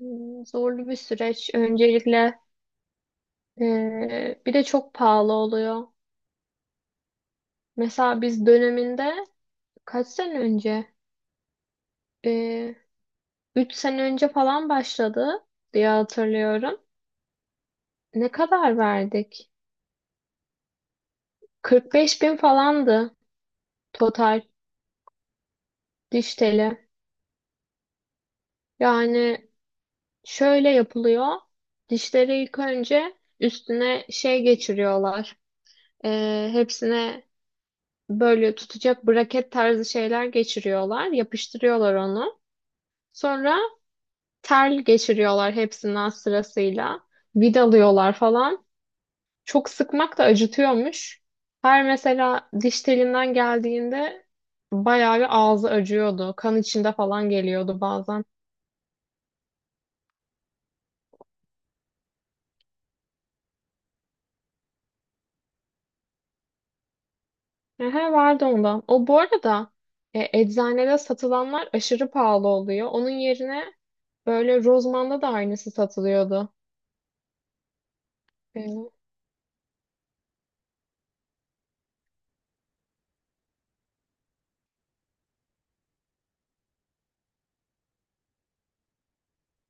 Zorlu bir süreç. Öncelikle bir de çok pahalı oluyor. Mesela biz döneminde kaç sene önce? Eee 3 sene önce falan başladı diye hatırlıyorum. Ne kadar verdik? 45.000 falandı, total diş teli. Yani şöyle yapılıyor. Dişleri ilk önce üstüne şey geçiriyorlar. Hepsine böyle tutacak braket tarzı şeyler geçiriyorlar. Yapıştırıyorlar onu. Sonra tel geçiriyorlar hepsinden sırasıyla. Vidalıyorlar falan. Çok sıkmak da acıtıyormuş. Her mesela diş telinden geldiğinde bayağı bir ağzı acıyordu. Kan içinde falan geliyordu bazen. Ehe, vardı ondan. O bu arada eczanede satılanlar aşırı pahalı oluyor. Onun yerine böyle Rozman'da da aynısı satılıyordu. E,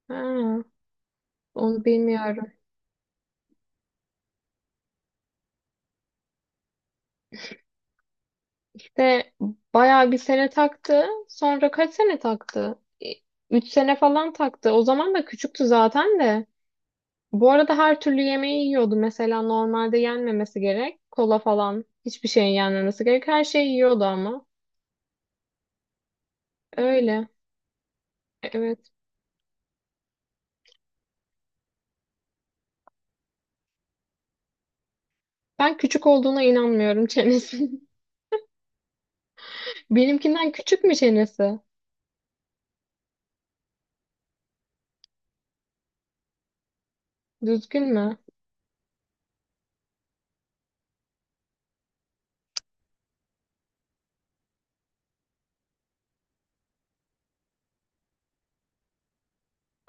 ha, onu bilmiyorum. De bayağı bir sene taktı. Sonra kaç sene taktı? E, 3 sene falan taktı. O zaman da küçüktü zaten de. Bu arada her türlü yemeği yiyordu. Mesela normalde yenmemesi gerek. Kola falan. Hiçbir şeyin yenmemesi gerek. Her şeyi yiyordu ama. Öyle. Evet. Ben küçük olduğuna inanmıyorum çenesi. Benimkinden küçük mü çenesi? Düzgün mü?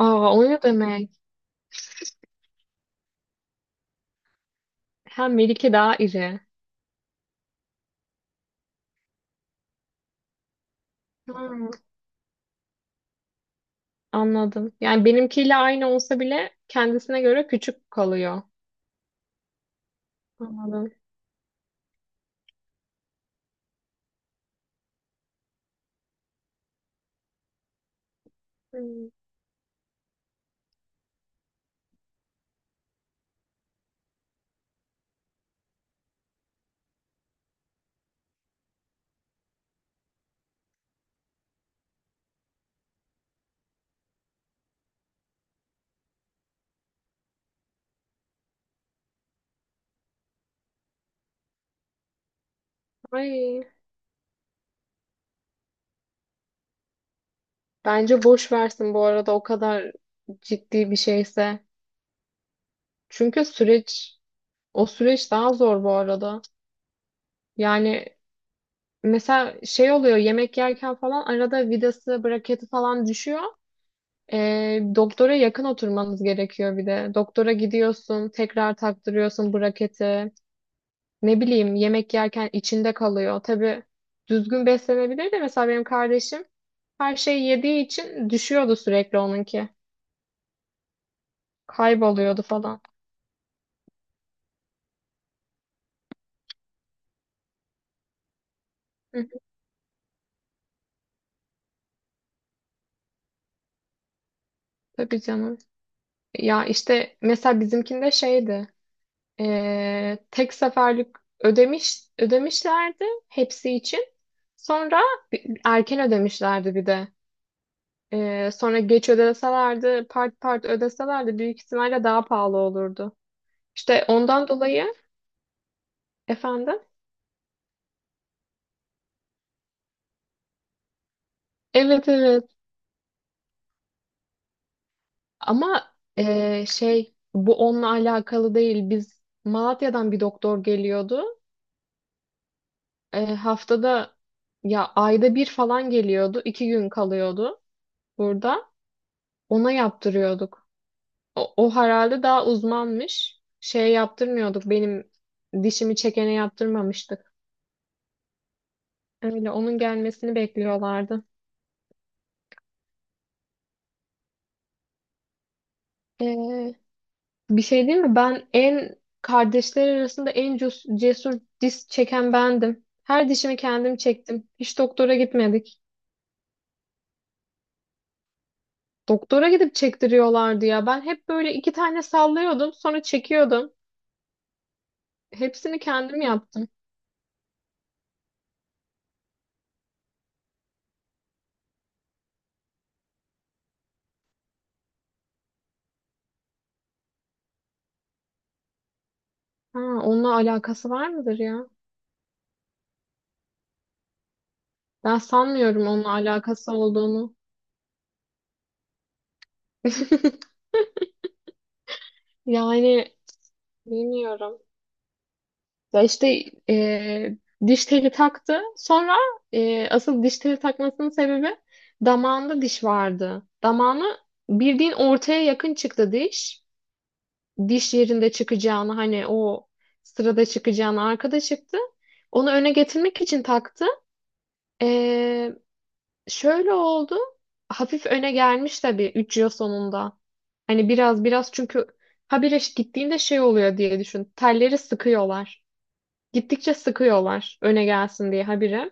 Aa, o ne demek? Ha, Melike daha iri. Hmm, anladım. Yani benimkiyle aynı olsa bile kendisine göre küçük kalıyor. Anladım. Hmm. Ay, bence boş versin bu arada, o kadar ciddi bir şeyse. Çünkü süreç, o süreç daha zor bu arada. Yani mesela şey oluyor, yemek yerken falan arada vidası, braketi falan düşüyor. Doktora yakın oturmanız gerekiyor bir de. Doktora gidiyorsun, tekrar taktırıyorsun braketi. Ne bileyim, yemek yerken içinde kalıyor. Tabii düzgün beslenebilir de, mesela benim kardeşim her şeyi yediği için düşüyordu sürekli onunki. Kayboluyordu falan. Hı hı. Tabii canım. Ya işte mesela bizimkinde şeydi. Tek seferlik ödemişlerdi hepsi için. Sonra erken ödemişlerdi bir de. Sonra geç ödeselerdi, part part ödeselerdi büyük ihtimalle daha pahalı olurdu. İşte ondan dolayı efendim. Evet, evet. Ama şey, bu onunla alakalı değil. Biz, Malatya'dan bir doktor geliyordu. Haftada ya ayda bir falan geliyordu. 2 gün kalıyordu burada. Ona yaptırıyorduk. O herhalde daha uzmanmış. Şey yaptırmıyorduk. Benim dişimi çekene yaptırmamıştık. Öyle, onun gelmesini bekliyorlardı. E, Bir şey değil mi? Ben en, kardeşler arasında en cesur diş çeken bendim. Her dişimi kendim çektim. Hiç doktora gitmedik. Doktora gidip çektiriyorlardı ya. Ben hep böyle 2 tane sallıyordum, sonra çekiyordum. Hepsini kendim yaptım. Ha, onunla alakası var mıdır ya? Ben sanmıyorum onunla alakası olduğunu. Yani bilmiyorum. Ya işte e, diş teli taktı. Sonra asıl diş teli takmasının sebebi, damağında diş vardı. Damağını, bildiğin ortaya yakın çıktı diş. Diş yerinde çıkacağını, hani o sırada çıkacağını, arkada çıktı. Onu öne getirmek için taktı. E, Şöyle oldu. Hafif öne gelmiş tabii 3 yıl sonunda. Hani biraz biraz, çünkü habire gittiğinde şey oluyor diye düşün. Telleri sıkıyorlar. Gittikçe sıkıyorlar öne gelsin diye habire.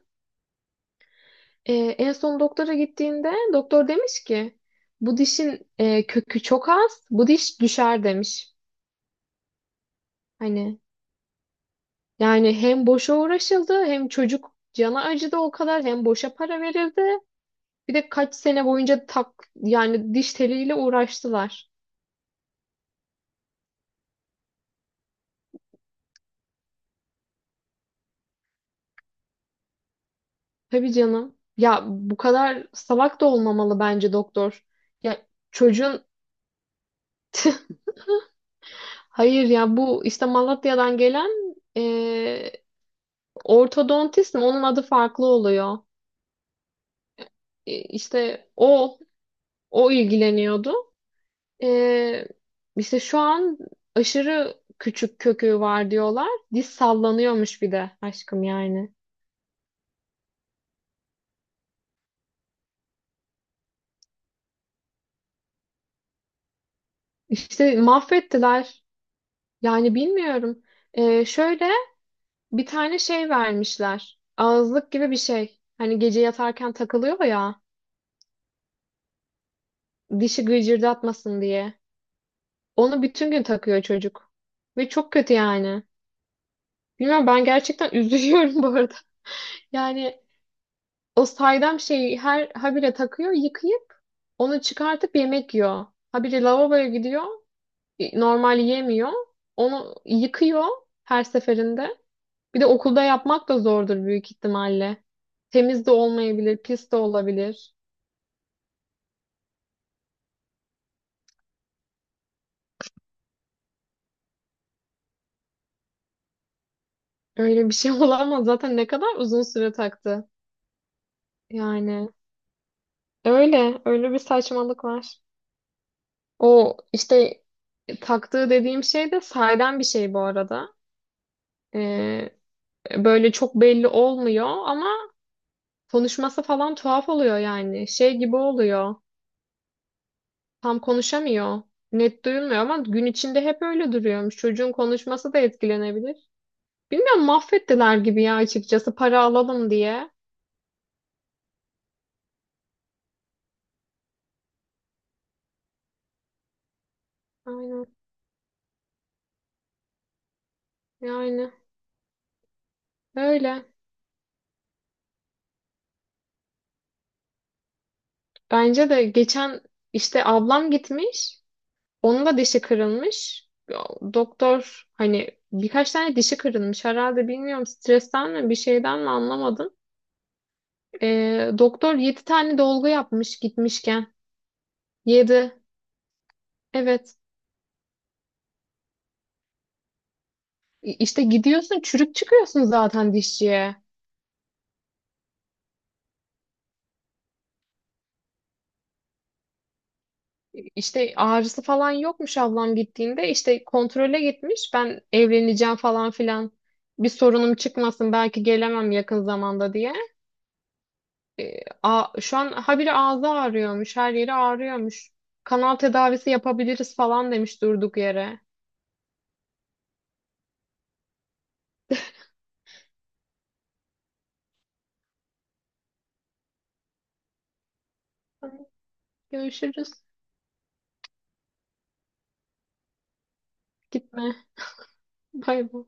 En son doktora gittiğinde doktor demiş ki, bu dişin kökü çok az. Bu diş düşer demiş. Hani, yani hem boşa uğraşıldı, hem çocuk cana acıdı o kadar, hem boşa para verildi. Bir de kaç sene boyunca tak, yani diş teliyle uğraştılar. Tabii canım. Ya bu kadar salak da olmamalı bence doktor. Ya çocuğun Hayır ya, bu işte Malatya'dan gelen e, ortodontist mi? Onun adı farklı oluyor. İşte o ilgileniyordu. E, işte şu an aşırı küçük kökü var diyorlar. Diz sallanıyormuş bir de aşkım, yani. İşte mahvettiler. Yani bilmiyorum. Şöyle, bir tane şey vermişler. Ağızlık gibi bir şey. Hani gece yatarken takılıyor ya. Dişi gıcırdatmasın diye. Onu bütün gün takıyor çocuk. Ve çok kötü yani. Bilmiyorum, ben gerçekten üzülüyorum bu arada. Yani o saydam şeyi her habire takıyor, yıkayıp onu çıkartıp yemek yiyor. Habire lavaboya gidiyor. Normal yemiyor. Onu yıkıyor her seferinde. Bir de okulda yapmak da zordur büyük ihtimalle. Temiz de olmayabilir, pis de olabilir. Öyle bir şey olamaz. Zaten ne kadar uzun süre taktı. Yani öyle, öyle bir saçmalık var. O işte taktığı dediğim şey de sahiden bir şey bu arada. Ee, böyle çok belli olmuyor ama konuşması falan tuhaf oluyor yani. Şey gibi oluyor. Tam konuşamıyor. Net duyulmuyor ama gün içinde hep öyle duruyormuş. Çocuğun konuşması da etkilenebilir. Bilmiyorum, mahvettiler gibi ya açıkçası, para alalım diye. Aynen, yani öyle. Bence de geçen, işte ablam gitmiş. Onun da dişi kırılmış. Doktor, hani birkaç tane dişi kırılmış herhalde, bilmiyorum stresten mi bir şeyden mi anlamadım. Doktor 7 tane dolgu yapmış gitmişken. 7. Evet. İşte gidiyorsun, çürük çıkıyorsun zaten dişçiye. İşte ağrısı falan yokmuş ablam gittiğinde. İşte kontrole gitmiş. Ben evleneceğim falan filan. Bir sorunum çıkmasın belki gelemem yakın zamanda diye. E, Şu an habire ağzı ağrıyormuş, her yeri ağrıyormuş. Kanal tedavisi yapabiliriz falan demiş durduk yere. Görüşürüz. Gitme. Bay bay.